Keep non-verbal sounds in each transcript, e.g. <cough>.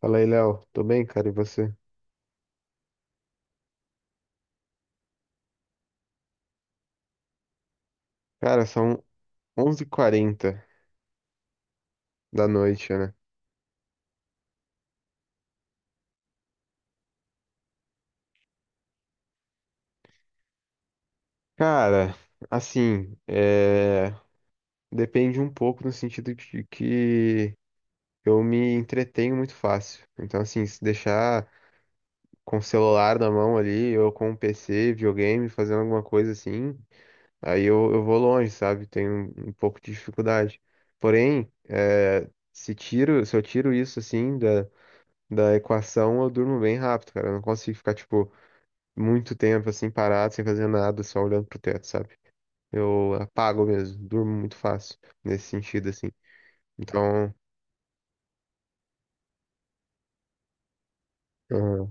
Fala aí, Léo. Tô bem, cara, e você? Cara, são onze h 40 da noite, né? Cara, assim, é... depende um pouco no sentido de que eu me entretenho muito fácil. Então, assim, se deixar com o celular na mão ali, ou com o PC, videogame, fazendo alguma coisa assim, aí eu vou longe, sabe? Tenho um pouco de dificuldade. Porém, se eu tiro isso, assim, da equação, eu durmo bem rápido, cara. Eu não consigo ficar, tipo muito tempo assim parado, sem fazer nada, só olhando pro teto, sabe? Eu apago mesmo, durmo muito fácil nesse sentido assim. Então, ah,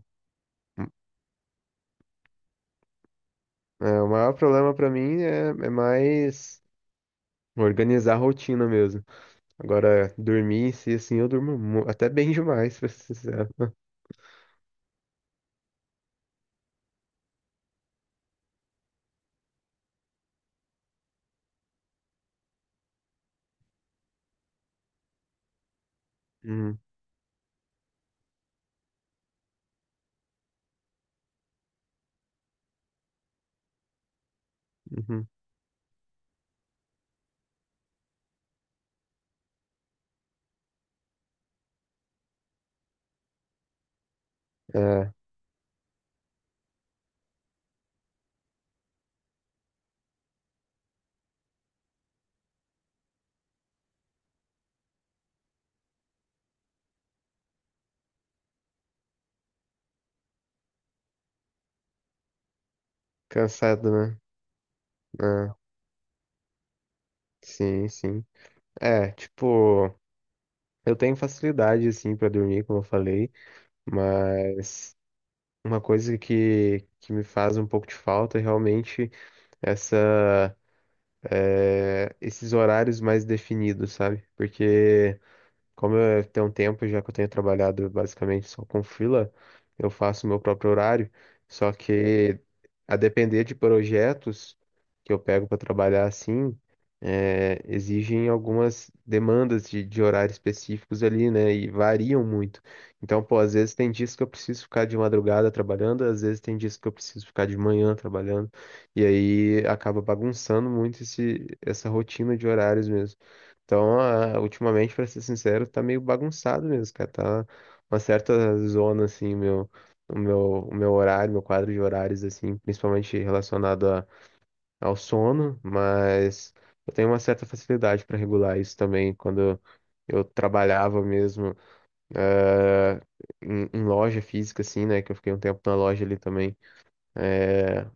é, o maior problema pra mim é mais organizar a rotina mesmo. Agora, dormir em si, assim, eu durmo mu- até bem <laughs> demais, pra ser sincero. Uhum, uhum. É, cansado, né? É, sim, sim. É, tipo, eu tenho facilidade, assim, pra dormir, como eu falei, mas uma coisa que me faz um pouco de falta é realmente essa, esses horários mais definidos, sabe? Porque como eu tenho um tempo já que eu tenho trabalhado basicamente só com freela, eu faço meu próprio horário, só que a depender de projetos que eu pego para trabalhar assim, exigem algumas demandas de horários específicos ali, né? E variam muito. Então, pô, às vezes tem dias que eu preciso ficar de madrugada trabalhando, às vezes tem dias que eu preciso ficar de manhã trabalhando, e aí acaba bagunçando muito essa rotina de horários mesmo. Então, ultimamente, pra ser sincero, tá meio bagunçado mesmo, cara. Tá uma certa zona, assim, meu, o meu, o meu horário, meu quadro de horários, assim, principalmente ao sono, mas eu tenho uma certa facilidade para regular isso também. Quando eu trabalhava mesmo, eh, em loja física, assim, né? Que eu fiquei um tempo na loja ali também. É,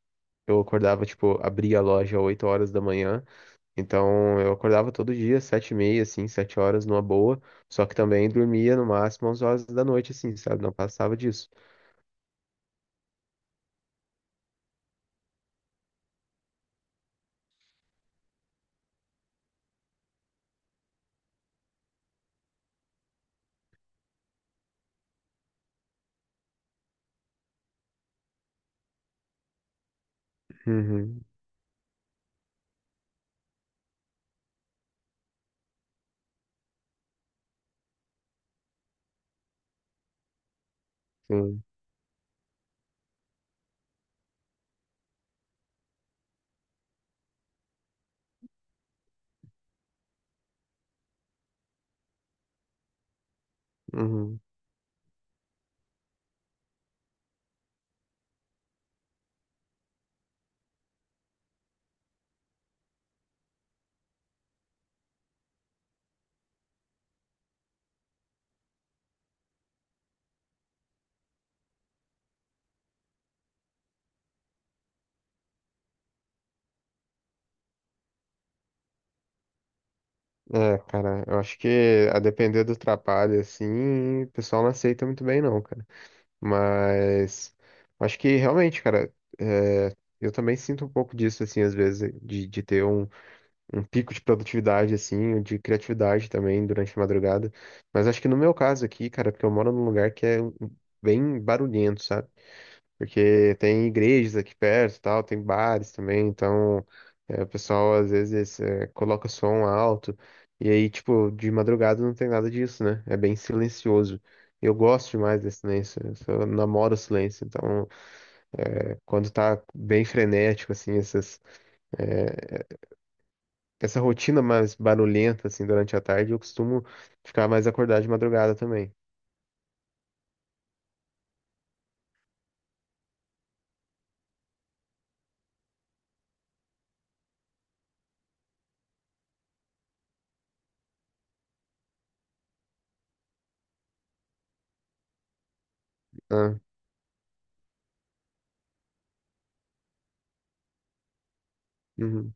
eu acordava, tipo, abria a loja às 8 horas da manhã. Então eu acordava todo dia, 7h30, assim, 7 horas numa boa. Só que também dormia no máximo às horas da noite, assim, sabe? Não passava disso. Uhum, sim. Uhum. É, cara, eu acho que a depender do trabalho, assim, o pessoal não aceita muito bem, não, cara. Mas eu acho que realmente, cara, é, eu também sinto um pouco disso, assim, às vezes, de ter um um pico de produtividade, assim, de criatividade também durante a madrugada. Mas acho que no meu caso aqui, cara, porque eu moro num lugar bem barulhento, sabe? Porque tem igrejas aqui perto e tal, tem bares também, então é, o pessoal às vezes é, coloca som alto. E aí, tipo, de madrugada não tem nada disso, né? É bem silencioso. Eu gosto demais desse silêncio, eu só namoro o silêncio. Então, é, quando tá bem frenético, assim, essas. É, essa rotina mais barulhenta, assim, durante a tarde, eu costumo ficar mais acordado de madrugada também. Ah, uhum.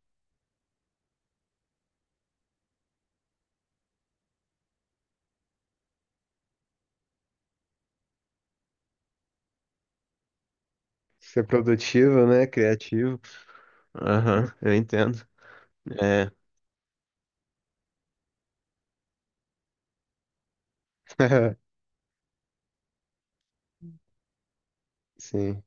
Ser produtivo, né? Criativo. Aham, eu entendo. É, <laughs> sim.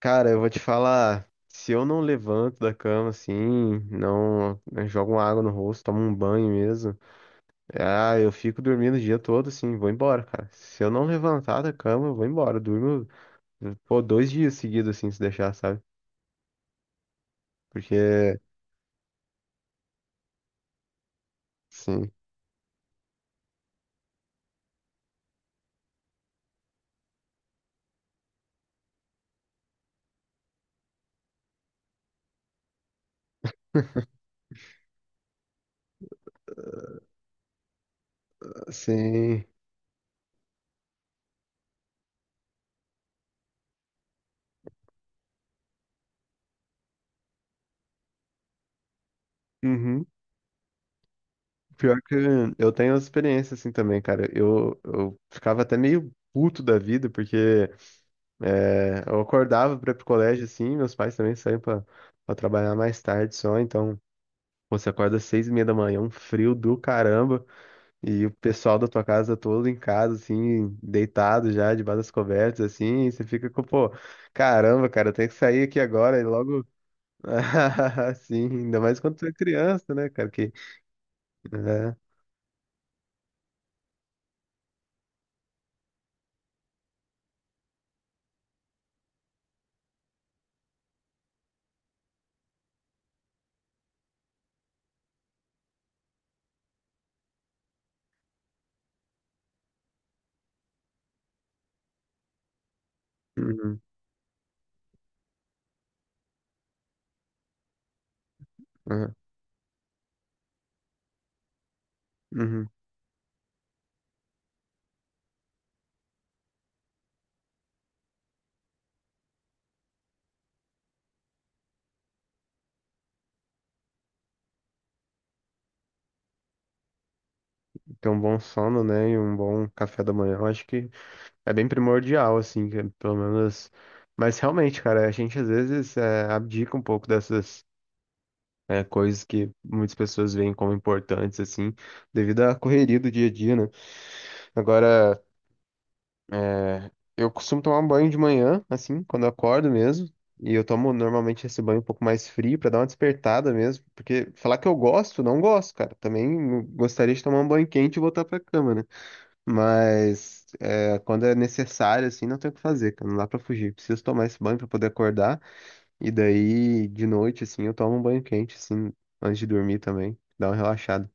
Cara, eu vou te falar, se eu não levanto da cama, assim, não, eu jogo uma água no rosto, tomo um banho mesmo, ah, eu fico dormindo o dia todo, assim, vou embora, cara. Se eu não levantar da cama, eu vou embora, eu durmo, pô, 2 dias seguidos, assim, se deixar, sabe? Porque, sim. Sim. Uhum. Pior que eu tenho experiência assim também, cara. Eu ficava até meio puto da vida, porque é, eu acordava pra ir pro colégio assim, meus pais também pra trabalhar mais tarde só, então pô, você acorda às 6h30 da manhã, um frio do caramba, e o pessoal da tua casa todo em casa, assim, deitado já, debaixo das cobertas, assim, e você fica com, pô, caramba, cara, eu tenho que sair aqui agora e logo. <laughs> Sim, ainda mais quando tu é criança, né, cara? Que, né, uhum, aham, uhum. Então, um bom sono, né, e um bom café da manhã, eu acho que é bem primordial, assim, que é pelo menos... Mas realmente, cara, a gente às vezes é, abdica um pouco dessas é, coisas que muitas pessoas veem como importantes, assim, devido à correria do dia a dia, né? Agora, é, eu costumo tomar um banho de manhã, assim, quando eu acordo mesmo. E eu tomo normalmente esse banho um pouco mais frio pra dar uma despertada mesmo. Porque falar que eu gosto, não gosto, cara. Também gostaria de tomar um banho quente e voltar pra cama, né? Mas é, quando é necessário, assim, não tem o que fazer, cara. Não dá pra fugir. Preciso tomar esse banho pra poder acordar. E daí, de noite, assim, eu tomo um banho quente, assim, antes de dormir também. Dá uma relaxada.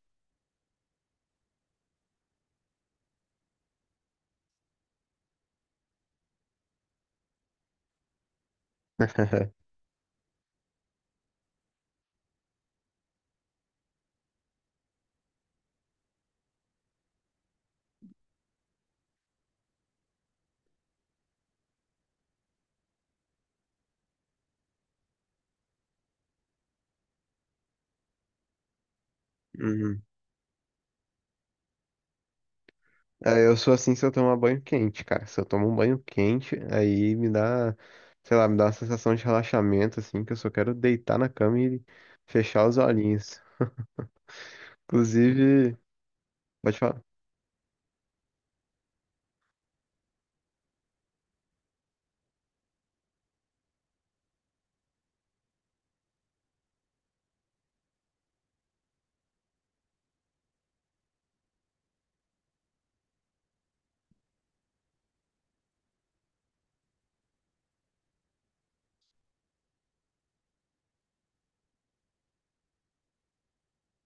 <laughs> É, eu sou assim se eu tomar banho quente, cara. Se eu tomo um banho quente, aí me dá, sei lá, me dá uma sensação de relaxamento, assim, que eu só quero deitar na cama e fechar os olhinhos. Inclusive, pode falar.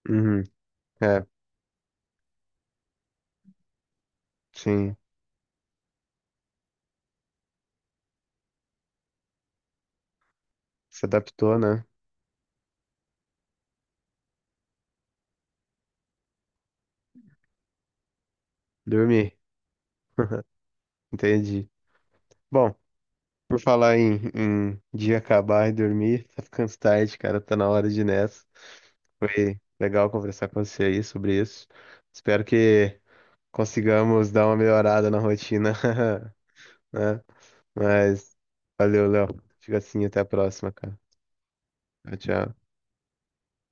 Uhum, é, sim, se adaptou, né? Dormir, entendi. Bom, por falar em, em dia acabar e dormir, <laughs> tá ficando tarde, cara, tá na hora de ir nessa. Foi legal conversar com você aí sobre isso. Espero que consigamos dar uma melhorada na rotina. <laughs> Né? Mas valeu, Léo. Fica assim, até a próxima, cara. Tchau, tchau.